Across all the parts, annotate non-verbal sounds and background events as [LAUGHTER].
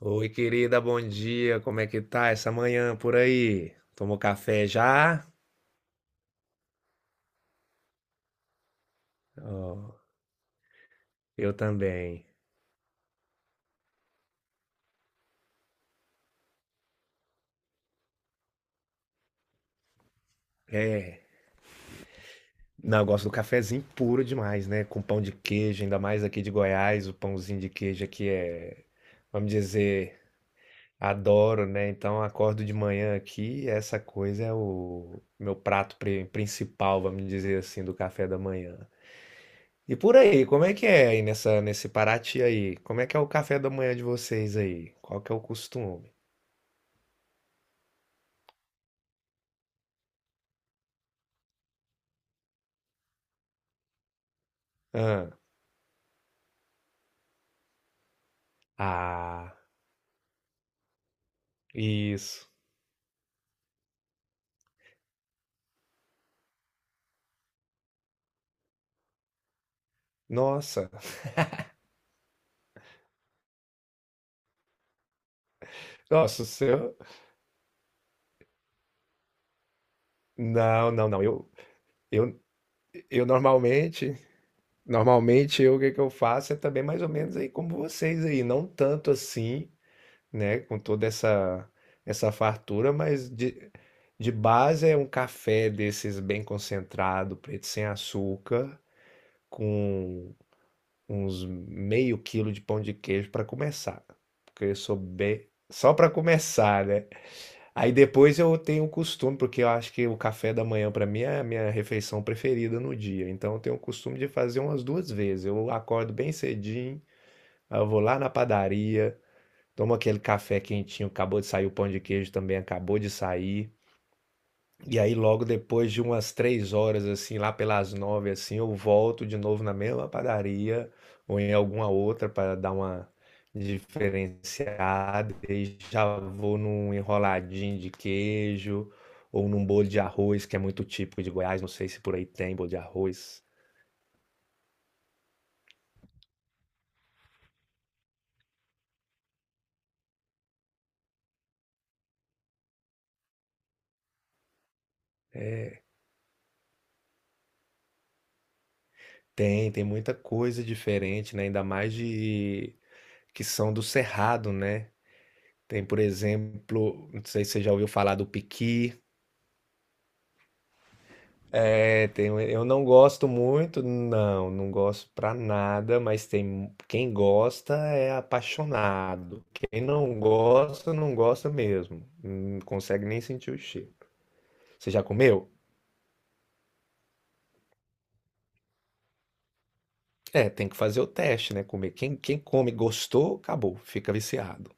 Oi, querida, bom dia. Como é que tá essa manhã por aí? Tomou café já? Ó, eu também. É. Não, eu gosto do cafezinho puro demais, né? Com pão de queijo, ainda mais aqui de Goiás, o pãozinho de queijo aqui é, vamos dizer, adoro, né? Então, eu acordo de manhã aqui, e essa coisa é o meu prato principal, vamos dizer assim, do café da manhã. E por aí, como é que é nesse Paraty aí? Como é que é o café da manhã de vocês aí? Qual que é o costume? Hã. Ah, isso. Nossa, nossa, o seu não, eu eu eu normalmente eu o que que eu faço é também mais ou menos aí como vocês aí, não tanto assim, né, com toda essa fartura, mas de base é um café desses bem concentrado, preto sem açúcar, com uns meio quilo de pão de queijo para começar, porque eu sou bem só para começar, né? Aí depois eu tenho o costume, porque eu acho que o café da manhã para mim é a minha refeição preferida no dia. Então eu tenho o costume de fazer umas duas vezes. Eu acordo bem cedinho, aí eu vou lá na padaria, tomo aquele café quentinho, acabou de sair o pão de queijo também, acabou de sair. E aí, logo depois de umas três horas, assim, lá pelas nove, assim, eu volto de novo na mesma padaria ou em alguma outra para dar uma diferenciada. E já vou num enroladinho de queijo ou num bolo de arroz, que é muito típico de Goiás. Não sei se por aí tem bolo de arroz. Tem, tem muita coisa diferente, né? Ainda mais de que são do Cerrado, né? Tem, por exemplo, não sei se você já ouviu falar do piqui. É, tem, um, eu não gosto muito, não, não gosto pra nada, mas tem quem gosta é apaixonado. Quem não gosta, não gosta mesmo. Não consegue nem sentir o cheiro. Você já comeu? É, tem que fazer o teste, né? Comer. Quem, quem come, gostou, acabou, fica viciado.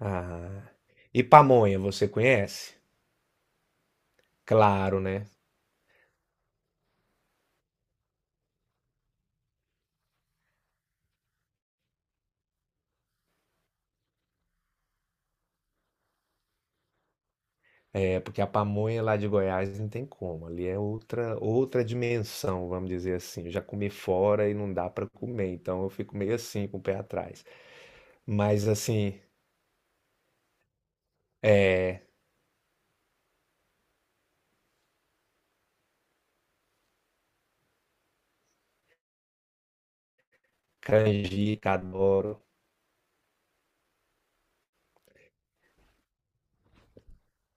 Ah. E pamonha, você conhece? Claro, né? É porque a pamonha lá de Goiás não tem como, ali é outra dimensão, vamos dizer assim. Eu já comi fora e não dá para comer, então eu fico meio assim com o pé atrás. Mas assim, é canjica, adoro.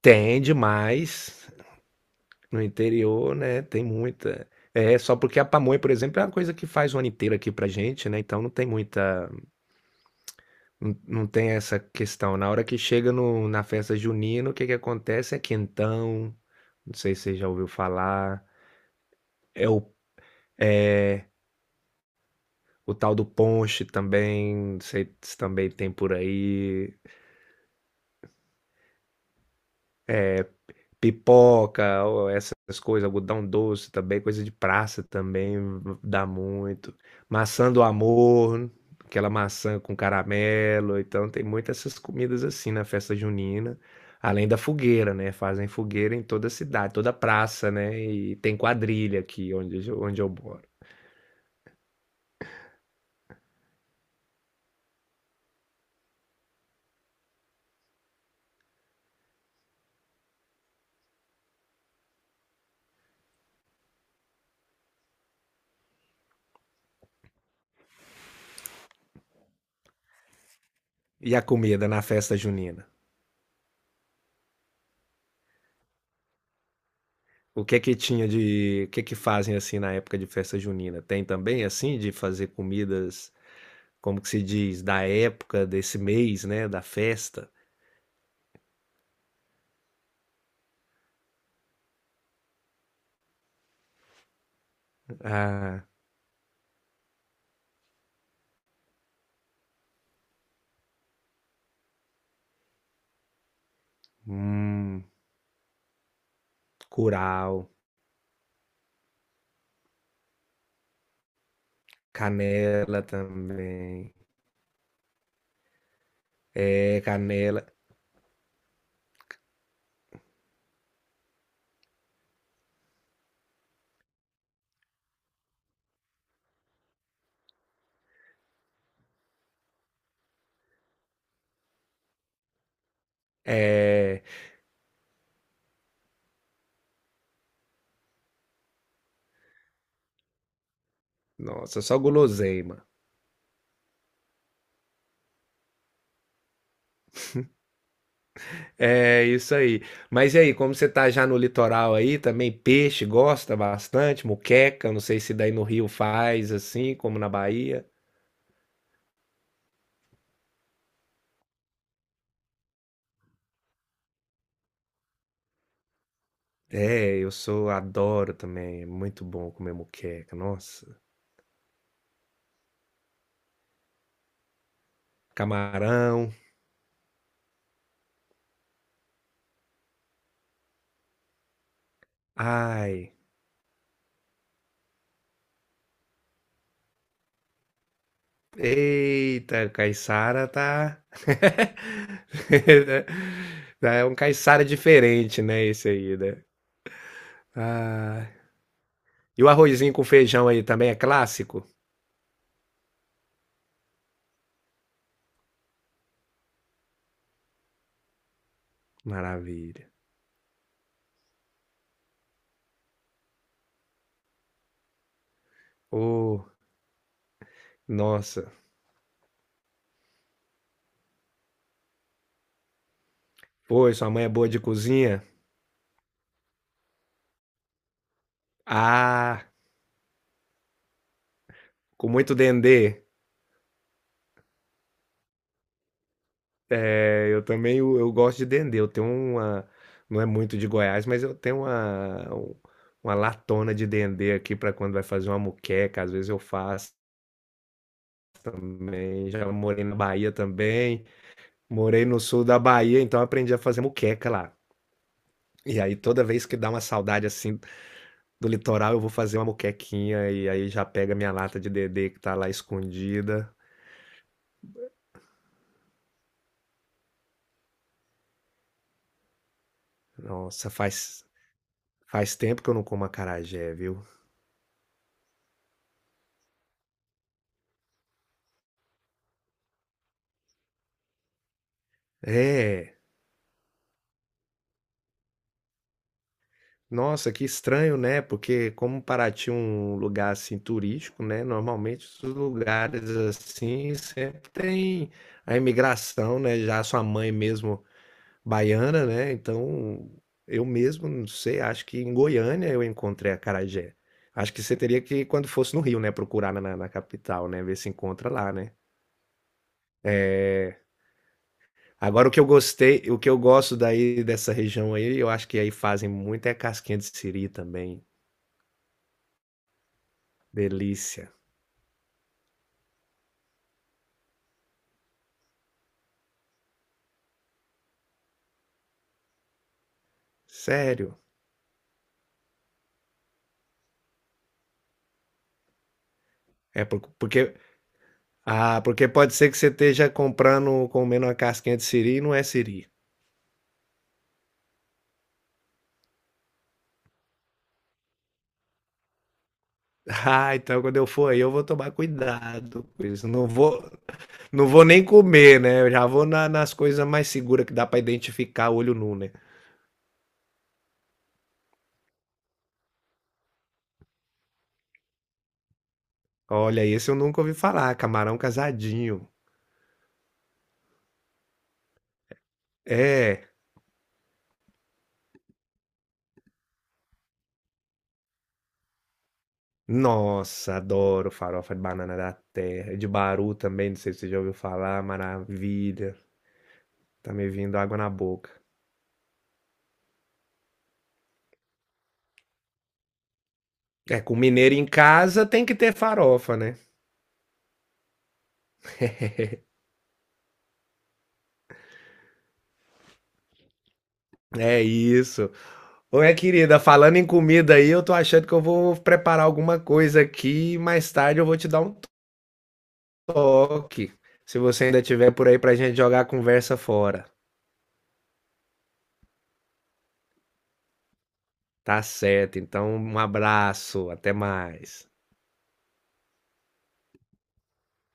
Tem demais no interior, né? Tem muita. É, só porque a pamonha, por exemplo, é uma coisa que faz o ano inteiro aqui pra gente, né? Então não tem muita. Não, não tem essa questão. Na hora que chega no, na festa junina, o que que acontece é quentão, não sei se você já ouviu falar. É o tal do ponche também, não sei se também tem por aí. Pipoca, ó, essas coisas, algodão doce também, coisa de praça também dá muito. Maçã do amor, aquela maçã com caramelo. Então tem muitas essas comidas assim na festa junina. Além da fogueira, né? Fazem fogueira em toda a cidade, toda praça, né? E tem quadrilha aqui onde, onde eu moro. E a comida na festa junina? O que é que tinha de o que é que fazem assim na época de festa junina? Tem também assim de fazer comidas, como que se diz, da época desse mês, né, da festa? Ah, hum, curau, canela também. É, canela. É, nossa, só guloseima. É isso aí. Mas e aí, como você tá já no litoral aí, também peixe gosta bastante, muqueca, não sei se daí no Rio faz assim, como na Bahia. É, eu sou adoro também, é muito bom comer moqueca, nossa. Camarão, ai, eita, caiçara tá [LAUGHS] é um caiçara diferente, né, esse aí, né. Ah, e o arrozinho com feijão aí também é clássico? Maravilha. Ô, nossa, pois, sua mãe é boa de cozinha? Ah, com muito dendê. É, eu também eu gosto de dendê. Eu tenho uma. Não é muito de Goiás, mas eu tenho um, uma latona de dendê aqui para quando vai fazer uma muqueca. Às vezes eu faço também. Já morei na Bahia também. Morei no sul da Bahia, então eu aprendi a fazer muqueca lá. E aí toda vez que dá uma saudade assim do litoral, eu vou fazer uma muquequinha e aí já pega minha lata de dendê que tá lá escondida. Nossa, faz tempo que eu não como acarajé, viu? É. Nossa, que estranho, né? Porque como Paraty é um lugar assim turístico, né? Normalmente os lugares assim sempre tem a imigração, né? Já sua mãe mesmo baiana, né? Então eu mesmo, não sei, acho que em Goiânia eu encontrei a acarajé. Acho que você teria que, quando fosse no Rio, né? Procurar na capital, né? Ver se encontra lá, né? Agora o que eu gostei, o que eu gosto daí dessa região aí, eu acho que aí fazem muito é casquinha de siri também. Delícia. Sério. É, porque. Ah, porque pode ser que você esteja comprando, comendo uma casquinha de siri e não é siri. [LAUGHS] Ah, então quando eu for aí, eu vou tomar cuidado com isso. Não vou, não vou nem comer, né? Eu já vou nas coisas mais seguras que dá pra identificar olho nu, né? Olha, esse eu nunca ouvi falar, camarão casadinho. É. Nossa, adoro farofa de banana da terra. De Baru também, não sei se você já ouviu falar, maravilha. Tá me vindo água na boca. É, com mineiro em casa tem que ter farofa, né? É isso. Ô, minha querida, falando em comida aí, eu tô achando que eu vou preparar alguma coisa aqui e mais tarde eu vou te dar um toque. Se você ainda tiver por aí pra gente jogar a conversa fora. Tá certo. Então, um abraço, até mais.